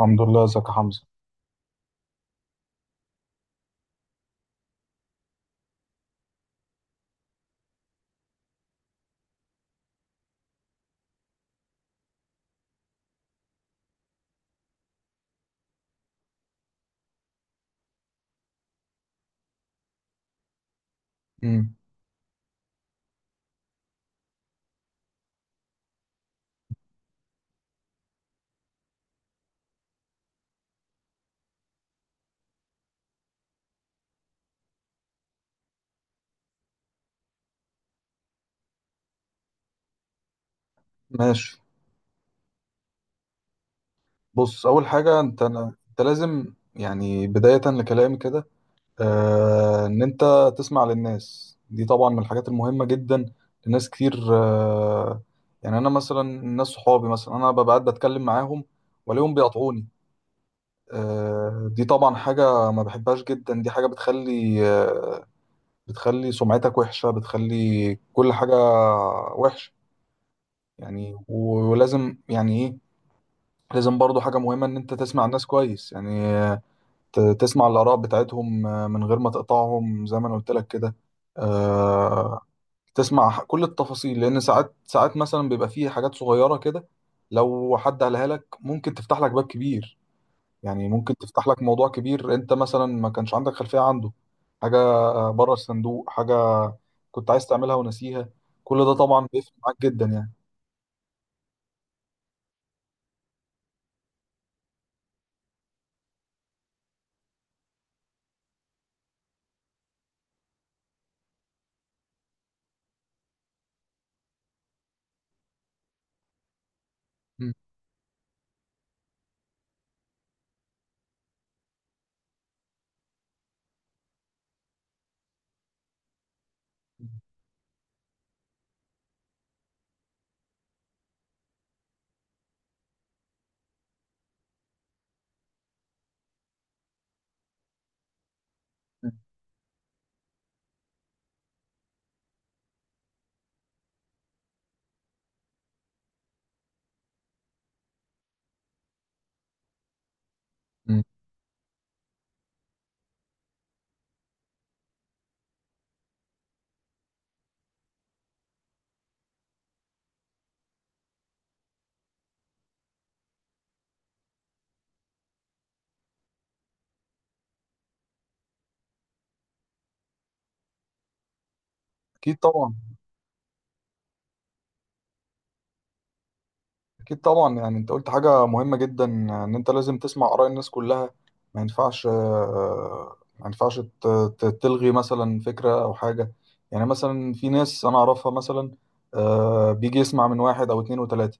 الحمد لله، ازيك يا حمزة؟ امم ماشي. بص، اول حاجة انت لازم، يعني بداية لكلامي كده، ان انت تسمع للناس دي. طبعا من الحاجات المهمة جدا لناس كتير. يعني انا مثلا ناس صحابي، مثلا انا ببقى قاعد بتكلم معاهم والاقيهم بيقطعوني. آه، دي طبعا حاجة ما بحبهاش جدا. دي حاجة بتخلي، بتخلي سمعتك وحشة، بتخلي كل حاجة وحشة. يعني ولازم، يعني ايه، لازم برضو حاجة مهمة، إن أنت تسمع الناس كويس. يعني تسمع الآراء بتاعتهم، من غير ما تقطعهم، زي ما أنا قلت لك كده. آه، تسمع كل التفاصيل، لأن ساعات مثلا بيبقى فيه حاجات صغيرة كده، لو حد قالها لك ممكن تفتح لك باب كبير. يعني ممكن تفتح لك موضوع كبير، أنت مثلا ما كانش عندك خلفية عنده. حاجة بره الصندوق، حاجة كنت عايز تعملها ونسيها. كل ده طبعا بيفرق معاك جدا يعني. م. م. أكيد طبعا. اكيد طبعا، يعني انت قلت حاجه مهمه جدا، ان انت لازم تسمع اراء الناس كلها. ما ينفعش، ما ينفعش تلغي مثلا فكره او حاجه. يعني مثلا في ناس انا اعرفها مثلا، بيجي يسمع من واحد او اتنين وتلاته.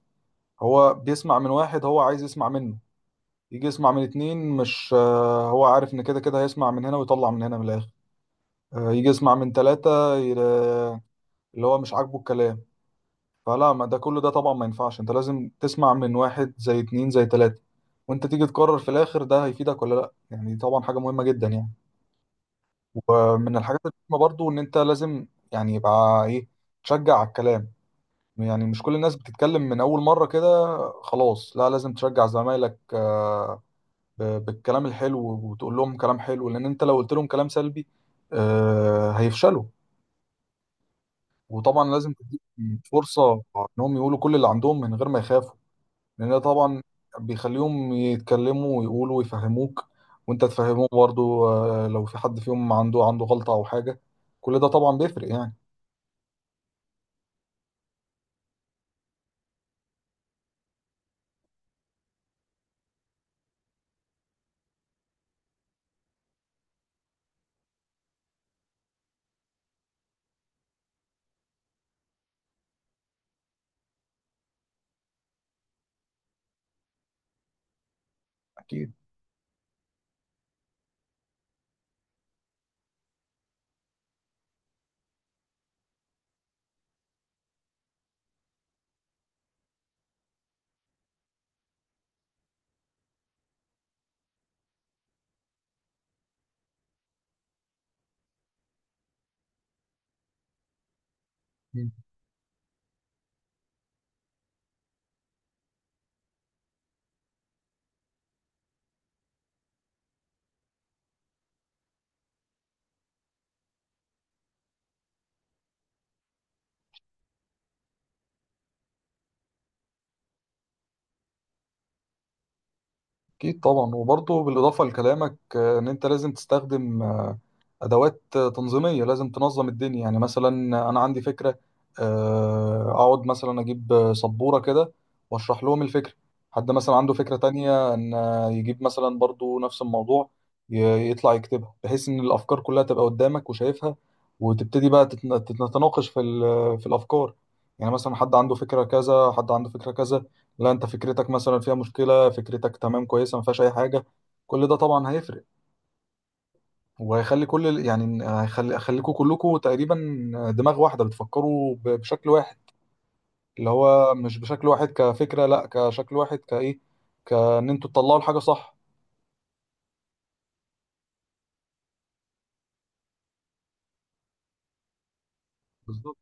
هو بيسمع من واحد هو عايز يسمع منه، يجي يسمع من اتنين مش، هو عارف ان كده كده هيسمع من هنا ويطلع من هنا من الاخر. يجي يسمع من تلاته، اللي هو مش عاجبه الكلام. فلا، ما ده، كل ده طبعا ما ينفعش. انت لازم تسمع من واحد زي اتنين زي تلاتة، وانت تيجي تقرر في الاخر ده هيفيدك ولا لا. يعني طبعا حاجة مهمة جدا يعني. ومن الحاجات المهمة برضو ان انت لازم، يعني يبقى ايه، تشجع على الكلام. يعني مش كل الناس بتتكلم من اول مرة كده، خلاص لا، لازم تشجع زمايلك، بالكلام الحلو، وتقول لهم كلام حلو، لان انت لو قلت لهم كلام سلبي، آه، هيفشلوا. وطبعا لازم تديهم فرصة انهم يقولوا كل اللي عندهم من غير ما يخافوا، لان ده طبعا بيخليهم يتكلموا ويقولوا ويفهموك، وانت تفهموه برضو. آه، لو في حد فيهم عنده غلطة او حاجة، كل ده طبعا بيفرق يعني. اكيد. مم. اكيد طبعا، وبرضو بالاضافة لكلامك، آه، ان انت لازم تستخدم ادوات تنظيميه. لازم تنظم الدنيا. يعني مثلا انا عندي فكره، اقعد مثلا اجيب سبوره كده واشرح لهم الفكره. حد مثلا عنده فكره تانية، ان يجيب مثلا برضو نفس الموضوع، يطلع يكتبها، بحيث ان الافكار كلها تبقى قدامك وشايفها، وتبتدي بقى تتناقش في في الافكار. يعني مثلا حد عنده فكره كذا، حد عنده فكره كذا، لا انت فكرتك مثلا فيها مشكله، فكرتك تمام كويسه ما فيهاش اي حاجه. كل ده طبعا هيفرق، وهيخلي كل يعني هيخليكوا كلكوا تقريبا دماغ واحدة، بتفكروا بشكل واحد. اللي هو مش بشكل واحد كفكرة، لا، كشكل واحد، كإيه، كإن انتوا تطلعوا الحاجة صح. بالظبط.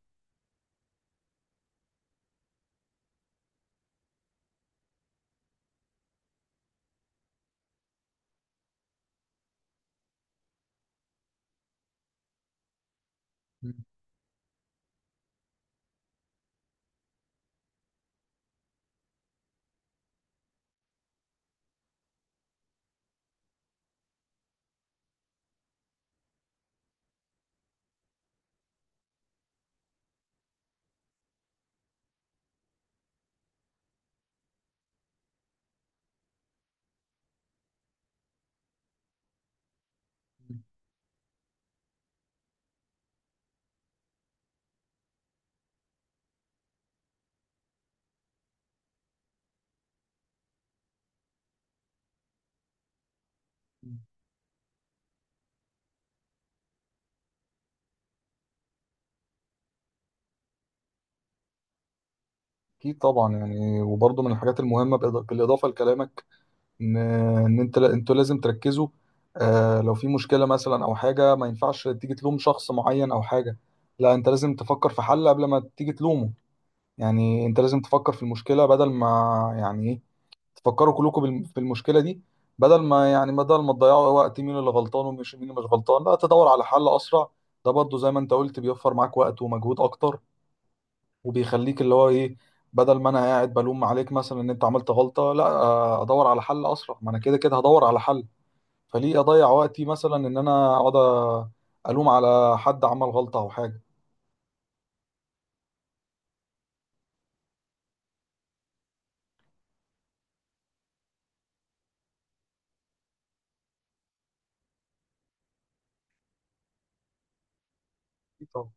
م- م- م. أكيد طبعا. يعني وبرضه من الحاجات المهمة، بالإضافة لكلامك، إن أنت، أنتوا لازم تركزوا. آه، لو في مشكلة مثلا أو حاجة، ما ينفعش تيجي تلوم شخص معين أو حاجة، لا، أنت لازم تفكر في حل قبل ما تيجي تلومه. يعني أنت لازم تفكر في المشكلة، بدل ما، يعني إيه، تفكروا كلكم في المشكله دي. بدل ما، يعني بدل ما تضيعوا وقت مين اللي غلطان ومش مين اللي مش غلطان، لا، تدور على حل اسرع. ده برضو زي ما انت قلت بيوفر معاك وقت ومجهود اكتر، وبيخليك اللي هو ايه، بدل ما انا قاعد بلوم عليك مثلا ان انت عملت غلطه، لا، ادور على حل اسرع، ما انا كده كده هدور على حل. فليه اضيع وقتي مثلا ان انا اقعد الوم على حد عمل غلطه او حاجه؟ اكيد طبعا.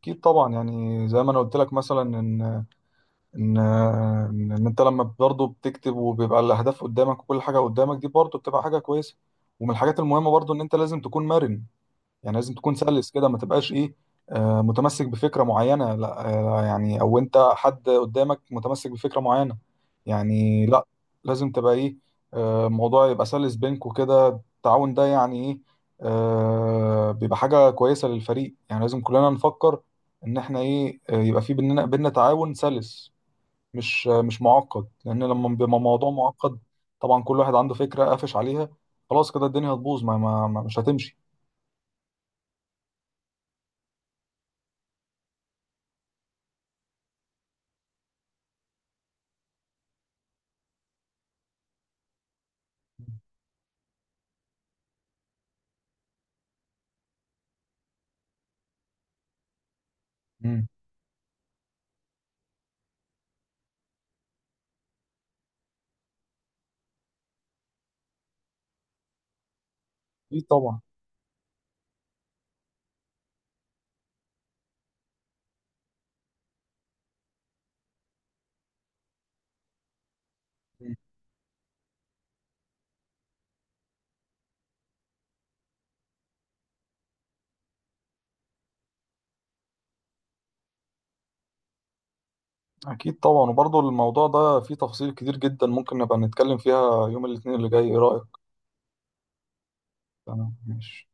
أكيد طبعاً، يعني زي ما انا قلت لك مثلا ان، إن انت لما برضه بتكتب، وبيبقى الاهداف قدامك وكل حاجه قدامك، دي برضه بتبقى حاجه كويسه. ومن الحاجات المهمه برضه ان انت لازم تكون مرن. يعني لازم تكون سلس كده، ما تبقاش ايه، آه، متمسك بفكره معينه، لا، آه، يعني او انت حد قدامك متمسك بفكره معينه، يعني لا، لازم تبقى ايه، آه، الموضوع يبقى سلس بينكوا كده. التعاون ده يعني ايه، آه، بيبقى حاجه كويسه للفريق. يعني لازم كلنا نفكر ان احنا ايه، يبقى في بيننا تعاون سلس، مش معقد. لان لما بيبقى موضوع معقد، طبعا كل واحد عنده فكره قافش عليها، خلاص كده الدنيا هتبوظ، ما مش هتمشي. مم. اكيد طبعا. مم. اكيد طبعا، وبرضه الموضوع ده فيه تفاصيل كتير جدا، ممكن نبقى نتكلم فيها يوم الاثنين اللي جاي، ايه رايك؟ انا ماشي.